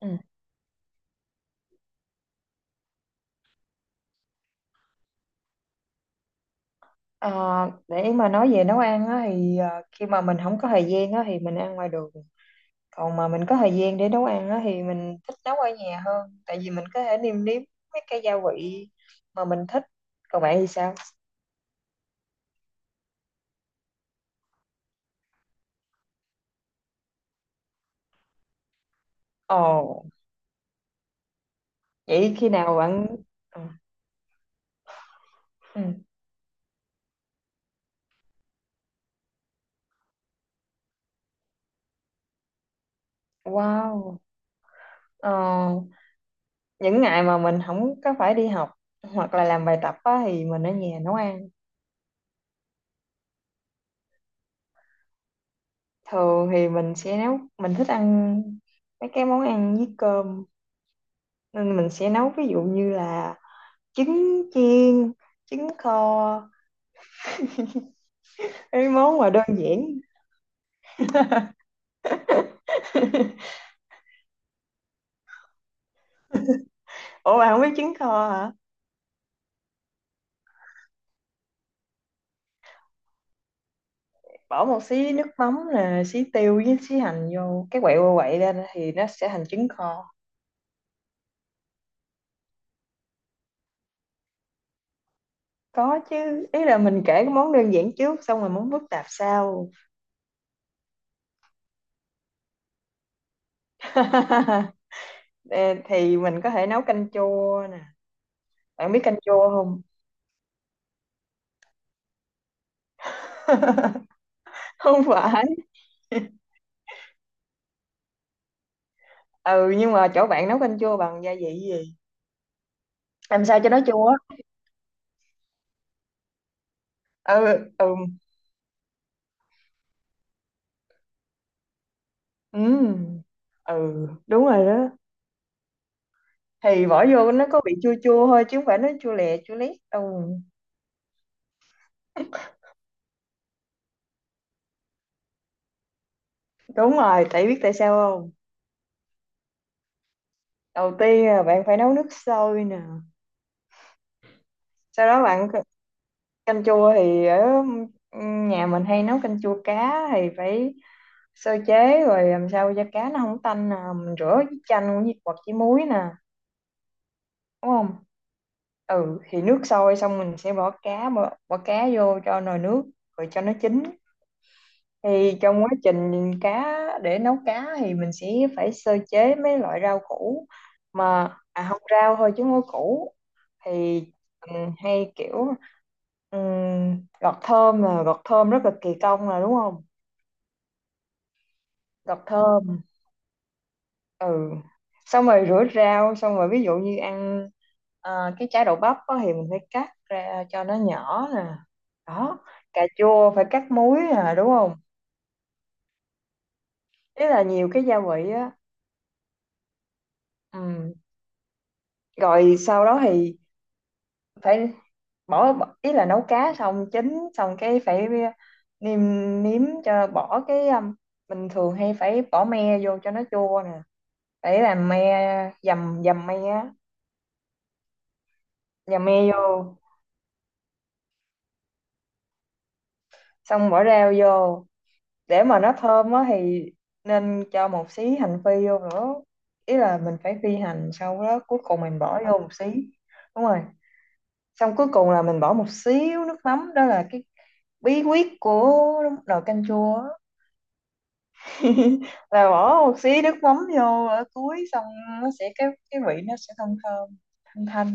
Ừ. Ờ, để mà nói về nấu ăn á, thì khi mà mình không có thời gian á, thì mình ăn ngoài đường. Còn mà mình có thời gian để nấu ăn á, thì mình thích nấu ở nhà hơn, tại vì mình có thể nêm nếm mấy cái gia vị mà mình thích. Còn bạn thì sao? Ồ, vậy khi nào bạn. Ờ, ừ. Wow. Ờ, những ngày mà mình không có phải đi học hoặc là làm bài tập á, thì mình ở nhà nấu ăn. Thường thì mình sẽ nấu, mình thích ăn mấy cái món ăn với cơm, nên mình sẽ nấu ví dụ như là trứng chiên, trứng kho, cái món mà đơn giản. Ủa bạn không biết trứng kho hả? Bỏ một xí nước mắm nè, xí tiêu với xí hành vô, cái quậy qua quậy lên thì nó sẽ thành trứng kho. Có chứ, ý là mình kể cái món đơn giản trước xong rồi món phức tạp sau. Ê, thì mình có thể nấu canh chua nè. Bạn biết canh chua không? Không phải. Ừ, nhưng mà chỗ bạn nấu canh chua bằng gia vị gì, làm sao cho nó chua? Ờ, ừ, ừ. Ừm, ừ đúng rồi đó. Thì bỏ vô nó có bị chua chua thôi chứ không phải nó chua lè chua lét, ừ. Đúng rồi, tại biết tại sao không? Đầu tiên là bạn phải nấu nước sôi nè, sau đó bạn canh chua thì ở, nhà mình hay nấu canh chua cá thì phải sơ chế, rồi làm sao cho cá nó không tanh nè, mình rửa với chanh với, hoặc với muối nè, đúng không? Ừ, thì nước sôi xong mình sẽ bỏ cá, bỏ cá vô cho nồi nước rồi cho nó chín. Thì trong quá trình cá, để nấu cá thì mình sẽ phải sơ chế mấy loại rau củ, mà à, không, rau thôi chứ không có củ. Thì mình hay kiểu gọt thơm, là gọt thơm rất là kỳ công, là đúng không? Gọt thơm, ừ, xong rồi rửa rau, xong rồi ví dụ như ăn cái trái đậu bắp á thì mình phải cắt ra cho nó nhỏ nè, đó. Cà chua phải cắt múi nè, đúng không? Ý là nhiều cái gia vị á. Ừ. Rồi sau đó thì phải bỏ bỏ- ý là nấu cá xong, chín xong cái phải nêm nếm cho, bỏ cái mình thường hay phải bỏ me vô cho nó chua nè, phải làm me, dầm dầm me á, dầm me vô, xong bỏ rau vô. Để mà nó thơm á thì nên cho một xí hành phi vô nữa, ý là mình phải phi hành sau đó cuối cùng mình bỏ vô một xí. Đúng rồi, xong cuối cùng là mình bỏ một xíu nước mắm, đó là cái bí quyết của nồi canh chua á. Là bỏ một xí nước mắm vô ở cuối xong, nó sẽ cái vị nó sẽ thơm thơm thanh thanh.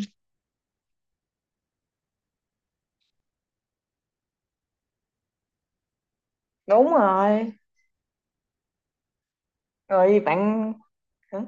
Đúng rồi, rồi bạn. Hả?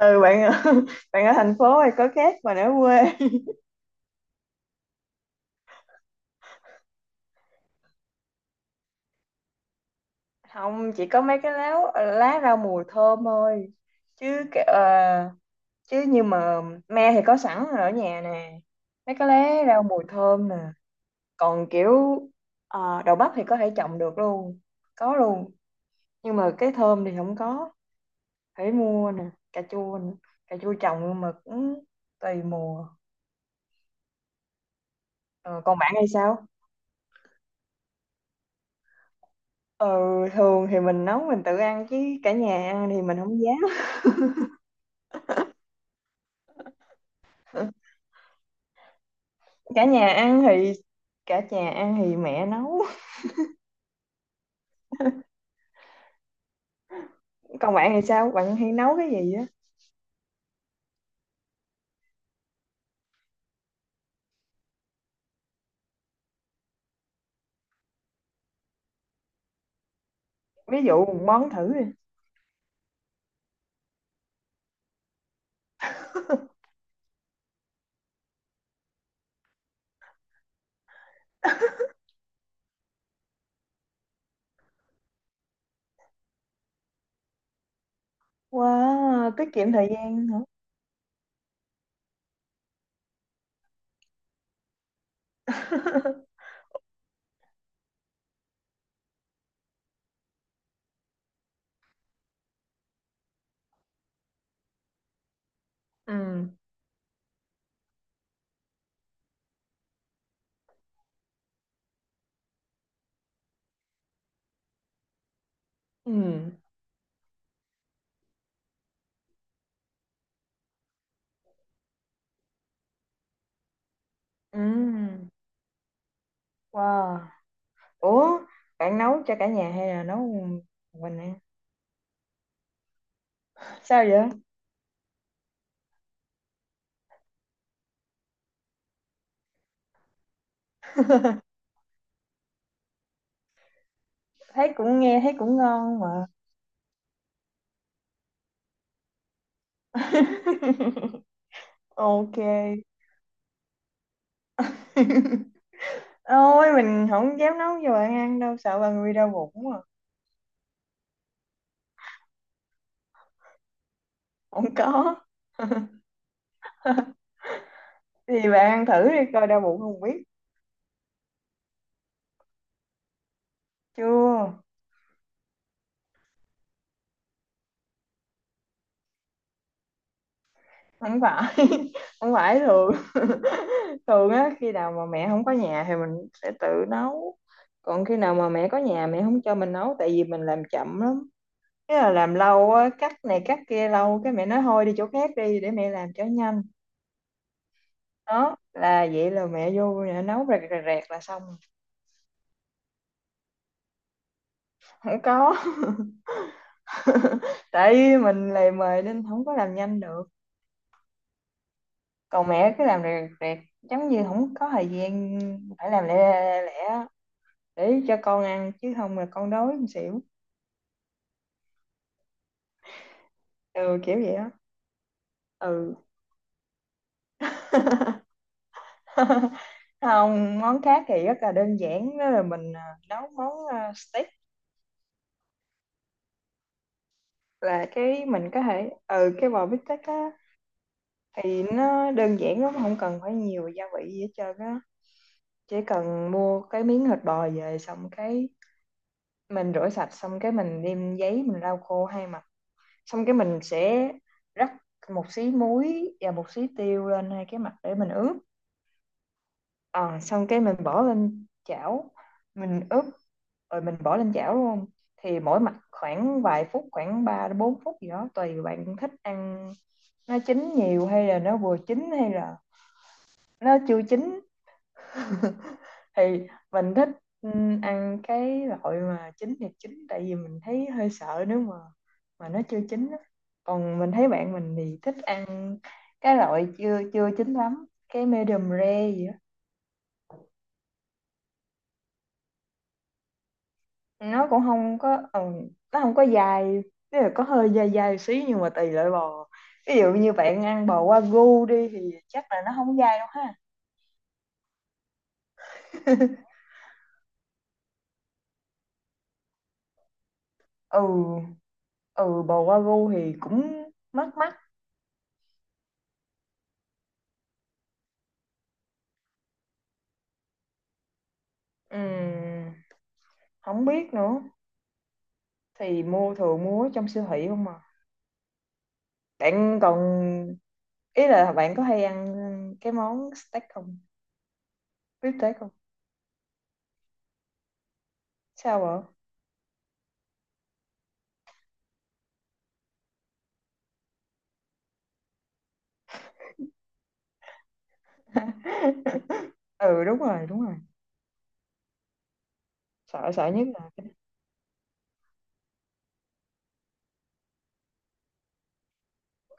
Ừ bạn. Bạn ở thành phố hay có khác mà ở quê. Không, chỉ có mấy cái lá lá rau mùi thơm thôi, chứ chứ như mà me thì có sẵn ở nhà nè, mấy cái lá rau mùi thơm nè, còn kiểu đậu bắp thì có thể trồng được luôn, có luôn. Nhưng mà cái thơm thì không có, phải mua nè, cà chua nè. Cà chua trồng nhưng mà cũng tùy mùa. Ờ, còn bạn hay sao? Ờ, thường thì mình nấu mình tự ăn chứ, cả nhà ăn thì mình không dám. Cả nhà ăn thì, cả nhà ăn thì mẹ nấu. Còn bạn thì sao, bạn hay nấu cái gì á? Ví dụ một món thử đi. Wow, tiết kiệm thời gian hả? Ừ, ừ, ừ. Wow. Ủa, bạn nấu cho cả nhà hay là nấu một mình ăn? Sao vậy? Thấy cũng, nghe thấy cũng ngon mà. Ok. Ôi, mình không dám nấu cho bạn ăn đâu, sợ bạn bị đau bụng mà. Không có. Thì bạn ăn thử đi coi đau bụng không biết. Chưa. Không phải. Không phải thường. Thường á khi nào mà mẹ không có nhà thì mình sẽ tự nấu, còn khi nào mà mẹ có nhà mẹ không cho mình nấu tại vì mình làm chậm lắm. Thế là làm lâu á, cắt này cắt kia lâu cái mẹ nói thôi đi chỗ khác đi để mẹ làm cho nhanh. Đó là, vậy là mẹ vô nhà nấu rẹt rẹt rẹt là xong. Không có. Tại vì mình lề mề nên không có làm nhanh được. Còn mẹ cứ làm rẹt rẹt rẹt, giống như không có thời gian phải làm lẹ, lẹ, để cho con ăn chứ không là con đói con xỉu. Ừ, kiểu vậy đó. Ừ. Không, món khác thì rất là đơn giản đó là mình nấu món steak, là cái mình có thể ừ, cái bò bít tết á. Thì nó đơn giản lắm, không cần phải nhiều gia vị gì hết trơn á, chỉ cần mua cái miếng thịt bò về, xong cái mình rửa sạch, xong cái mình đem giấy mình lau khô hai mặt, xong cái mình sẽ rắc một xí muối và một xí tiêu lên hai cái mặt để mình ướp. Ờ, xong cái mình bỏ lên chảo, mình ướp rồi mình bỏ lên chảo luôn. Thì mỗi mặt khoảng vài phút, khoảng 3 đến 4 phút gì đó tùy bạn thích ăn nó chín nhiều hay là nó vừa chín hay là nó chưa chín. Thì mình thích, ừ, ăn cái loại mà chín thì chín tại vì mình thấy hơi sợ nếu mà nó chưa chín á. Còn mình thấy bạn mình thì thích ăn cái loại chưa chưa chín lắm, cái medium rare gì á. Nó cũng không có, nó không có dai, tức là có hơi dai dai xí nhưng mà tùy loại bò. Ví dụ như bạn ăn bò wagyu đi thì chắc là nó không dai đâu ha. Ừ. Ừ bò wagyu thì cũng mắc mắc. Ừm, không biết nữa, thì mua thường mua trong siêu thị không mà. Bạn còn, ý là bạn có hay ăn cái món steak không, bít steak không? Sao vậy? Ừ đúng rồi đúng rồi. Sợ sợ nhất là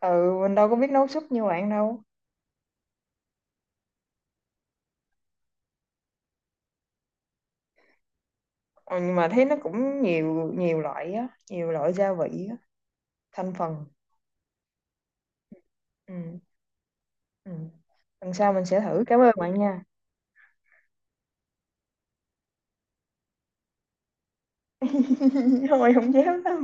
ừ mình đâu có biết nấu súp như bạn đâu. Ừ, nhưng mà thấy nó cũng nhiều nhiều loại á, nhiều loại gia vị á, thành phần. Ừ, ừ. Lần sau mình sẽ thử, cảm ơn bạn nha. Thôi không dám đâu.